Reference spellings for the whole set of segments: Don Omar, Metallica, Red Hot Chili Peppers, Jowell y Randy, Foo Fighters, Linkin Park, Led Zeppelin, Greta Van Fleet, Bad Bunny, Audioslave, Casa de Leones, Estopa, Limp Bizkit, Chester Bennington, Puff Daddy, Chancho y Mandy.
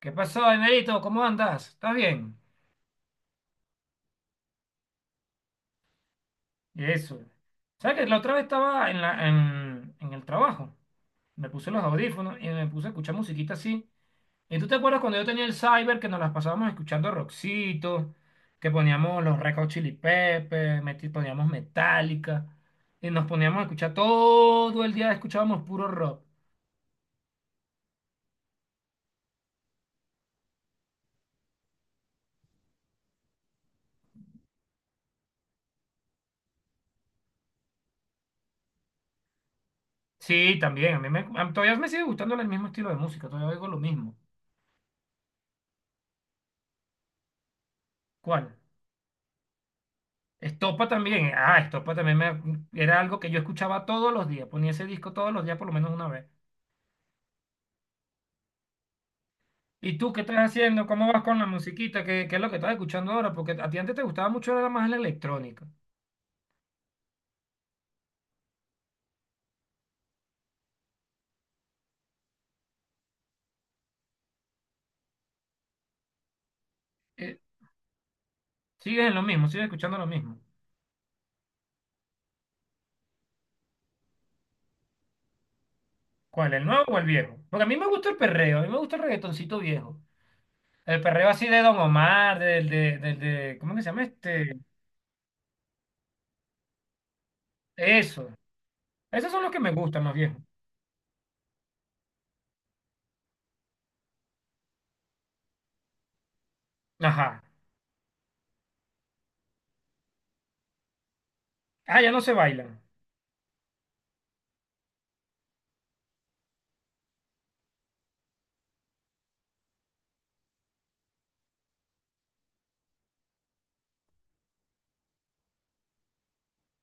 ¿Qué pasó, Emerito? ¿Cómo andas? ¿Estás bien? Y eso. ¿Sabes que la otra vez estaba en el trabajo? Me puse los audífonos y me puse a escuchar musiquita así. ¿Y tú te acuerdas cuando yo tenía el cyber que nos las pasábamos escuchando rockcito, que poníamos los Red Hot Chili Peppers, poníamos Metallica, y nos poníamos a escuchar todo el día, escuchábamos puro rock? Sí, también, a mí me, a- todavía me sigue gustando el mismo estilo de música, todavía oigo lo mismo. ¿Cuál? Estopa también, ah, era algo que yo escuchaba todos los días, ponía ese disco todos los días por lo menos una vez. ¿Y tú qué estás haciendo? ¿Cómo vas con la musiquita? ¿Qué es lo que estás escuchando ahora? Porque a ti antes te gustaba mucho era más la electrónica. Eh, Sigues en lo mismo, sigues escuchando lo mismo. ¿Cuál, el nuevo o el viejo? Porque a mí me gusta el perreo, a mí me gusta el reggaetoncito viejo. El perreo así de Don Omar, del de, ¿cómo que se llama este? Eso. Esos son los que me gustan, los viejos. Ajá. Ah, ya no se bailan.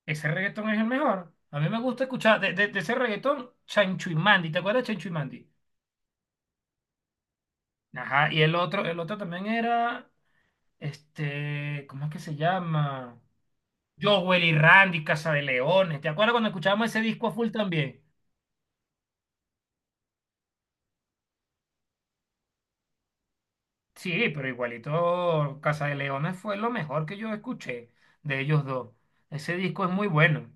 Ese reggaetón es el mejor. A mí me gusta escuchar de ese reggaetón Chancho y Mandy. ¿Te acuerdas de Chancho y Mandy? Ajá, y el otro también era, este, ¿cómo es que se llama? Jowell y Randy, Casa de Leones. ¿Te acuerdas cuando escuchábamos ese disco a full también? Sí, pero igualito Casa de Leones fue lo mejor que yo escuché de ellos dos. Ese disco es muy bueno.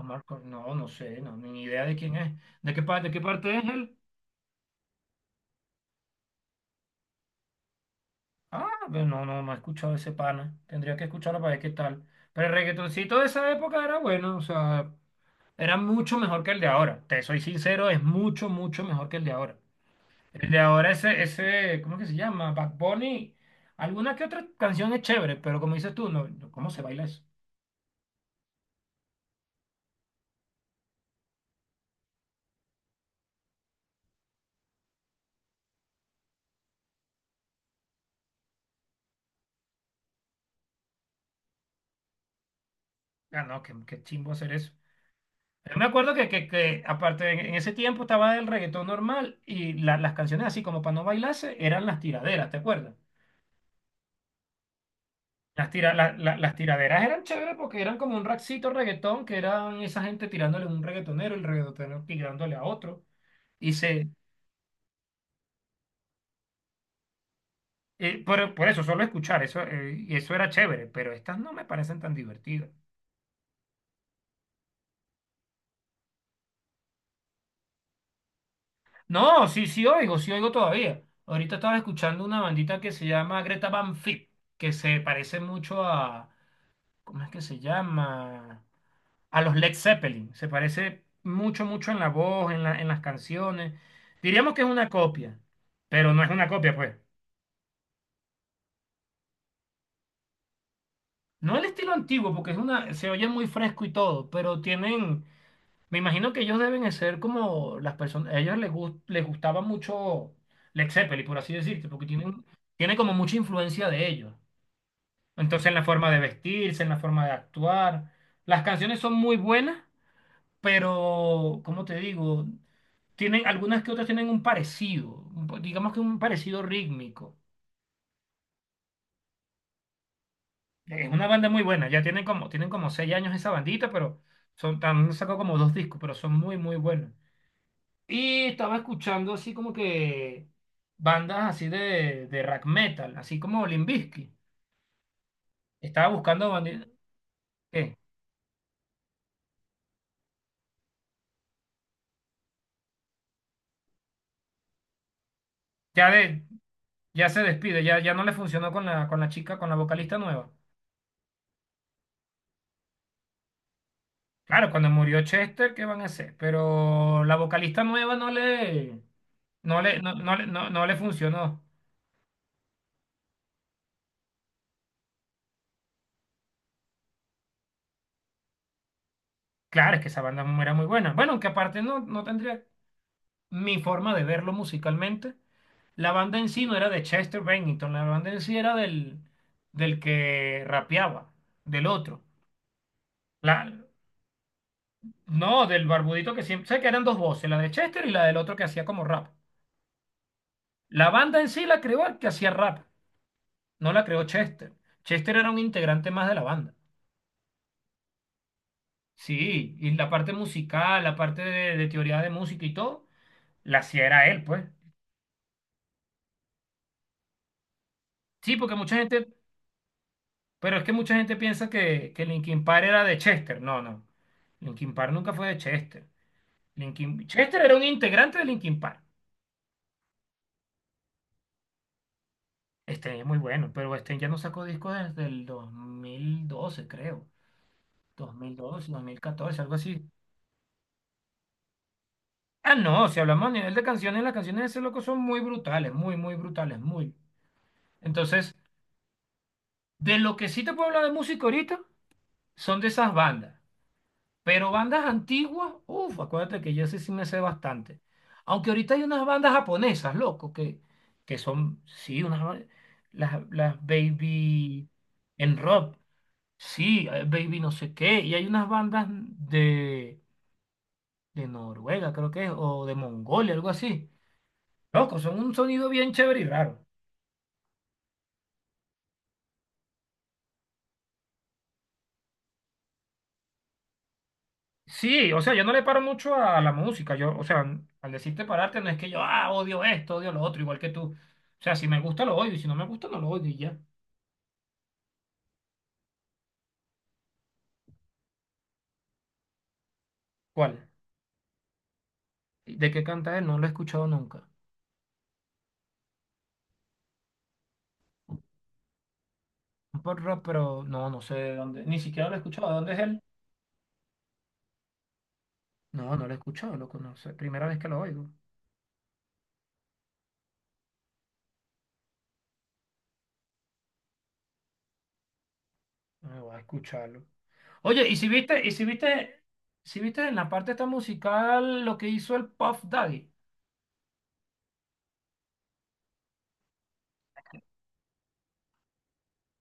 No, no sé, no, ni idea de quién es. ¿De qué parte es él? Ah, pero no, no, no he escuchado ese pana. Tendría que escucharlo para ver qué tal. Pero el reggaetoncito de esa época era bueno, o sea, era mucho mejor que el de ahora. Te soy sincero, es mucho, mucho mejor que el de ahora. El de ahora, ese, ¿cómo es que se llama? Bad Bunny. Alguna que otra canción es chévere, pero como dices tú, no, no, ¿cómo se baila eso? Ah, no, qué chimbo hacer eso. Yo me acuerdo que aparte, en ese tiempo estaba el reggaetón normal y las canciones así como para no bailarse eran las tiraderas, ¿te acuerdas? Las tiraderas eran chéveres porque eran como un raxito reggaetón, que eran esa gente tirándole a un reggaetonero, el reggaetonero tirándole a otro. Y se, por eso, solo escuchar, y eso era chévere, pero estas no me parecen tan divertidas. No, sí, sí oigo todavía. Ahorita estaba escuchando una bandita que se llama Greta Van Fleet, que se parece mucho a, ¿cómo es que se llama? A los Led Zeppelin. Se parece mucho, mucho en la voz, en en las canciones. Diríamos que es una copia, pero no es una copia, pues. No el estilo antiguo, porque es una, se oye muy fresco y todo, pero tienen, me imagino que ellos deben de ser como las personas, a ellos les gustaba mucho Led Zeppelin, por así decirte, porque tiene como mucha influencia de ellos. Entonces en la forma de vestirse, en la forma de actuar, las canciones son muy buenas, pero, ¿cómo te digo? Tienen, algunas que otras tienen un parecido, digamos que un parecido rítmico. Es una banda muy buena, ya tienen como seis años esa bandita, pero son, también sacó como dos discos, pero son muy, muy buenos. Y estaba escuchando así como que bandas así de rock metal, así como Limp Bizkit. Estaba buscando banditas. Ya, de, ya se despide, ya, ya no le funcionó con con la chica, con la vocalista nueva. Claro, cuando murió Chester, ¿qué van a hacer? Pero la vocalista nueva no le funcionó. Claro, es que esa banda era muy buena. Bueno, aunque aparte no, no tendría mi forma de verlo musicalmente. La banda en sí no era de Chester Bennington, la banda en sí era del, del que rapeaba, del otro. La, no, del barbudito que siempre, sé que eran dos voces, la de Chester y la del otro que hacía como rap. La banda en sí la creó el que hacía rap, no la creó Chester. Chester era un integrante más de la banda. Sí, y la parte musical, la parte de teoría de música y todo, la hacía era él, pues. Sí, porque mucha gente, pero es que mucha gente piensa que Linkin Park era de Chester. No, no. Linkin Park nunca fue de Chester. Chester era un integrante de Linkin Park. Este es muy bueno, pero este ya no sacó discos desde el 2012, creo. 2012, 2014, algo así. Ah, no, si hablamos a nivel de canciones, las canciones de ese loco son muy brutales, muy, muy brutales, muy. Entonces, de lo que sí te puedo hablar de música ahorita son de esas bandas. Pero bandas antiguas, uff, acuérdate que yo sé sí me sé bastante. Aunque ahorita hay unas bandas japonesas, loco, que son, sí, las Baby en rock, sí, Baby no sé qué. Y hay unas bandas de Noruega, creo que es, o de Mongolia, algo así. Loco, son un sonido bien chévere y raro. Sí, o sea, yo no le paro mucho a la música. O sea, al decirte pararte no es que yo, ah, odio esto, odio lo otro, igual que tú. O sea, si me gusta lo odio y si no me gusta no lo odio y ya. ¿Cuál? ¿De qué canta él? No lo he escuchado nunca. Un pop rock, pero no, no sé de dónde. Ni siquiera lo he escuchado. ¿De dónde es él? No, no lo he escuchado, loco, no sé. Primera vez que lo oigo. Me voy a escucharlo. Oye, ¿ si viste en la parte esta musical lo que hizo el Puff Daddy?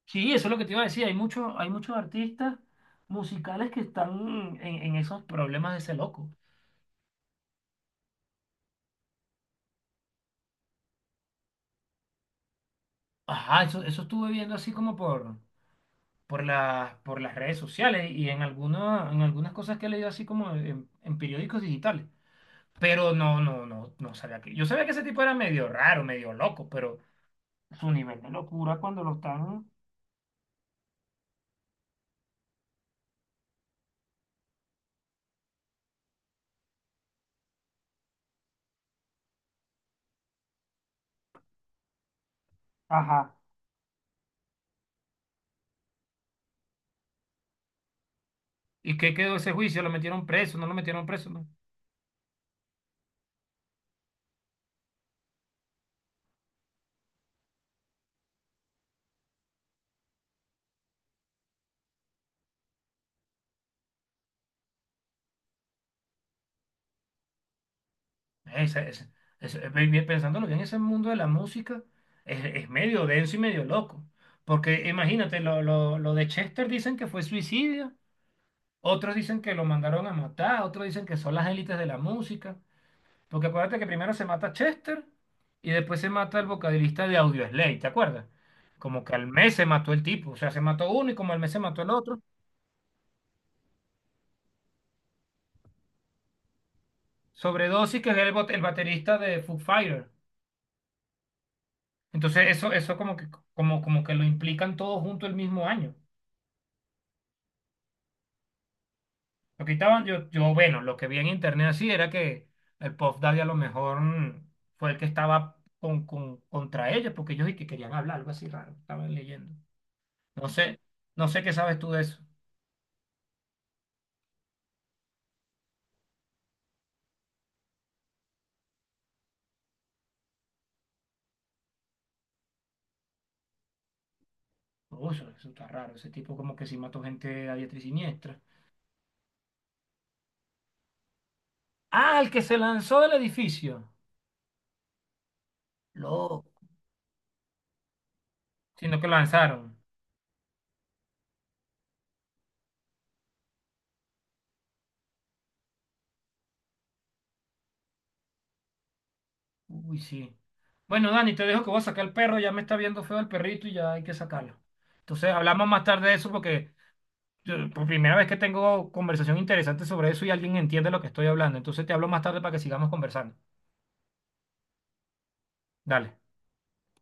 Sí, eso es lo que te iba a decir. Hay muchos artistas musicales que están en esos problemas de ese loco. Ajá, eso estuve viendo así como por, por las redes sociales y en alguna, en algunas cosas que he leído así como en periódicos digitales. Pero no sabía que. Yo sabía que ese tipo era medio raro, medio loco, pero su nivel de locura cuando lo están. Ajá. ¿Y qué quedó ese juicio? ¿Lo metieron preso? ¿No lo metieron preso? Es, es- Bien, pensándolo bien, ese mundo de la música es medio denso y medio loco. Porque imagínate, lo de Chester dicen que fue suicidio, otros dicen que lo mandaron a matar, otros dicen que son las élites de la música. Porque acuérdate que primero se mata Chester y después se mata el vocalista de Audioslave, ¿te acuerdas? Como que al mes se mató el tipo, o sea, se mató uno y como al mes se mató el otro. Sobredosis, que es el baterista de Foo Fighters. Entonces como, como que lo implican todos junto el mismo año. Lo que estaban, bueno, lo que vi en internet así era que el Puff Daddy a lo mejor fue el que estaba contra ellos, porque ellos y que querían hablar, algo así raro, estaban leyendo. No sé, no sé qué sabes tú de eso. Uy, eso está raro, ese tipo como que sí mató gente a diestra y siniestra. Ah, el que se lanzó del edificio. Loco. Sino que lo lanzaron. Uy, sí. Bueno, Dani, te dejo que voy a sacar el perro, ya me está viendo feo el perrito y ya hay que sacarlo. Entonces, hablamos más tarde de eso porque por primera vez que tengo conversación interesante sobre eso y alguien entiende lo que estoy hablando. Entonces, te hablo más tarde para que sigamos conversando. Dale.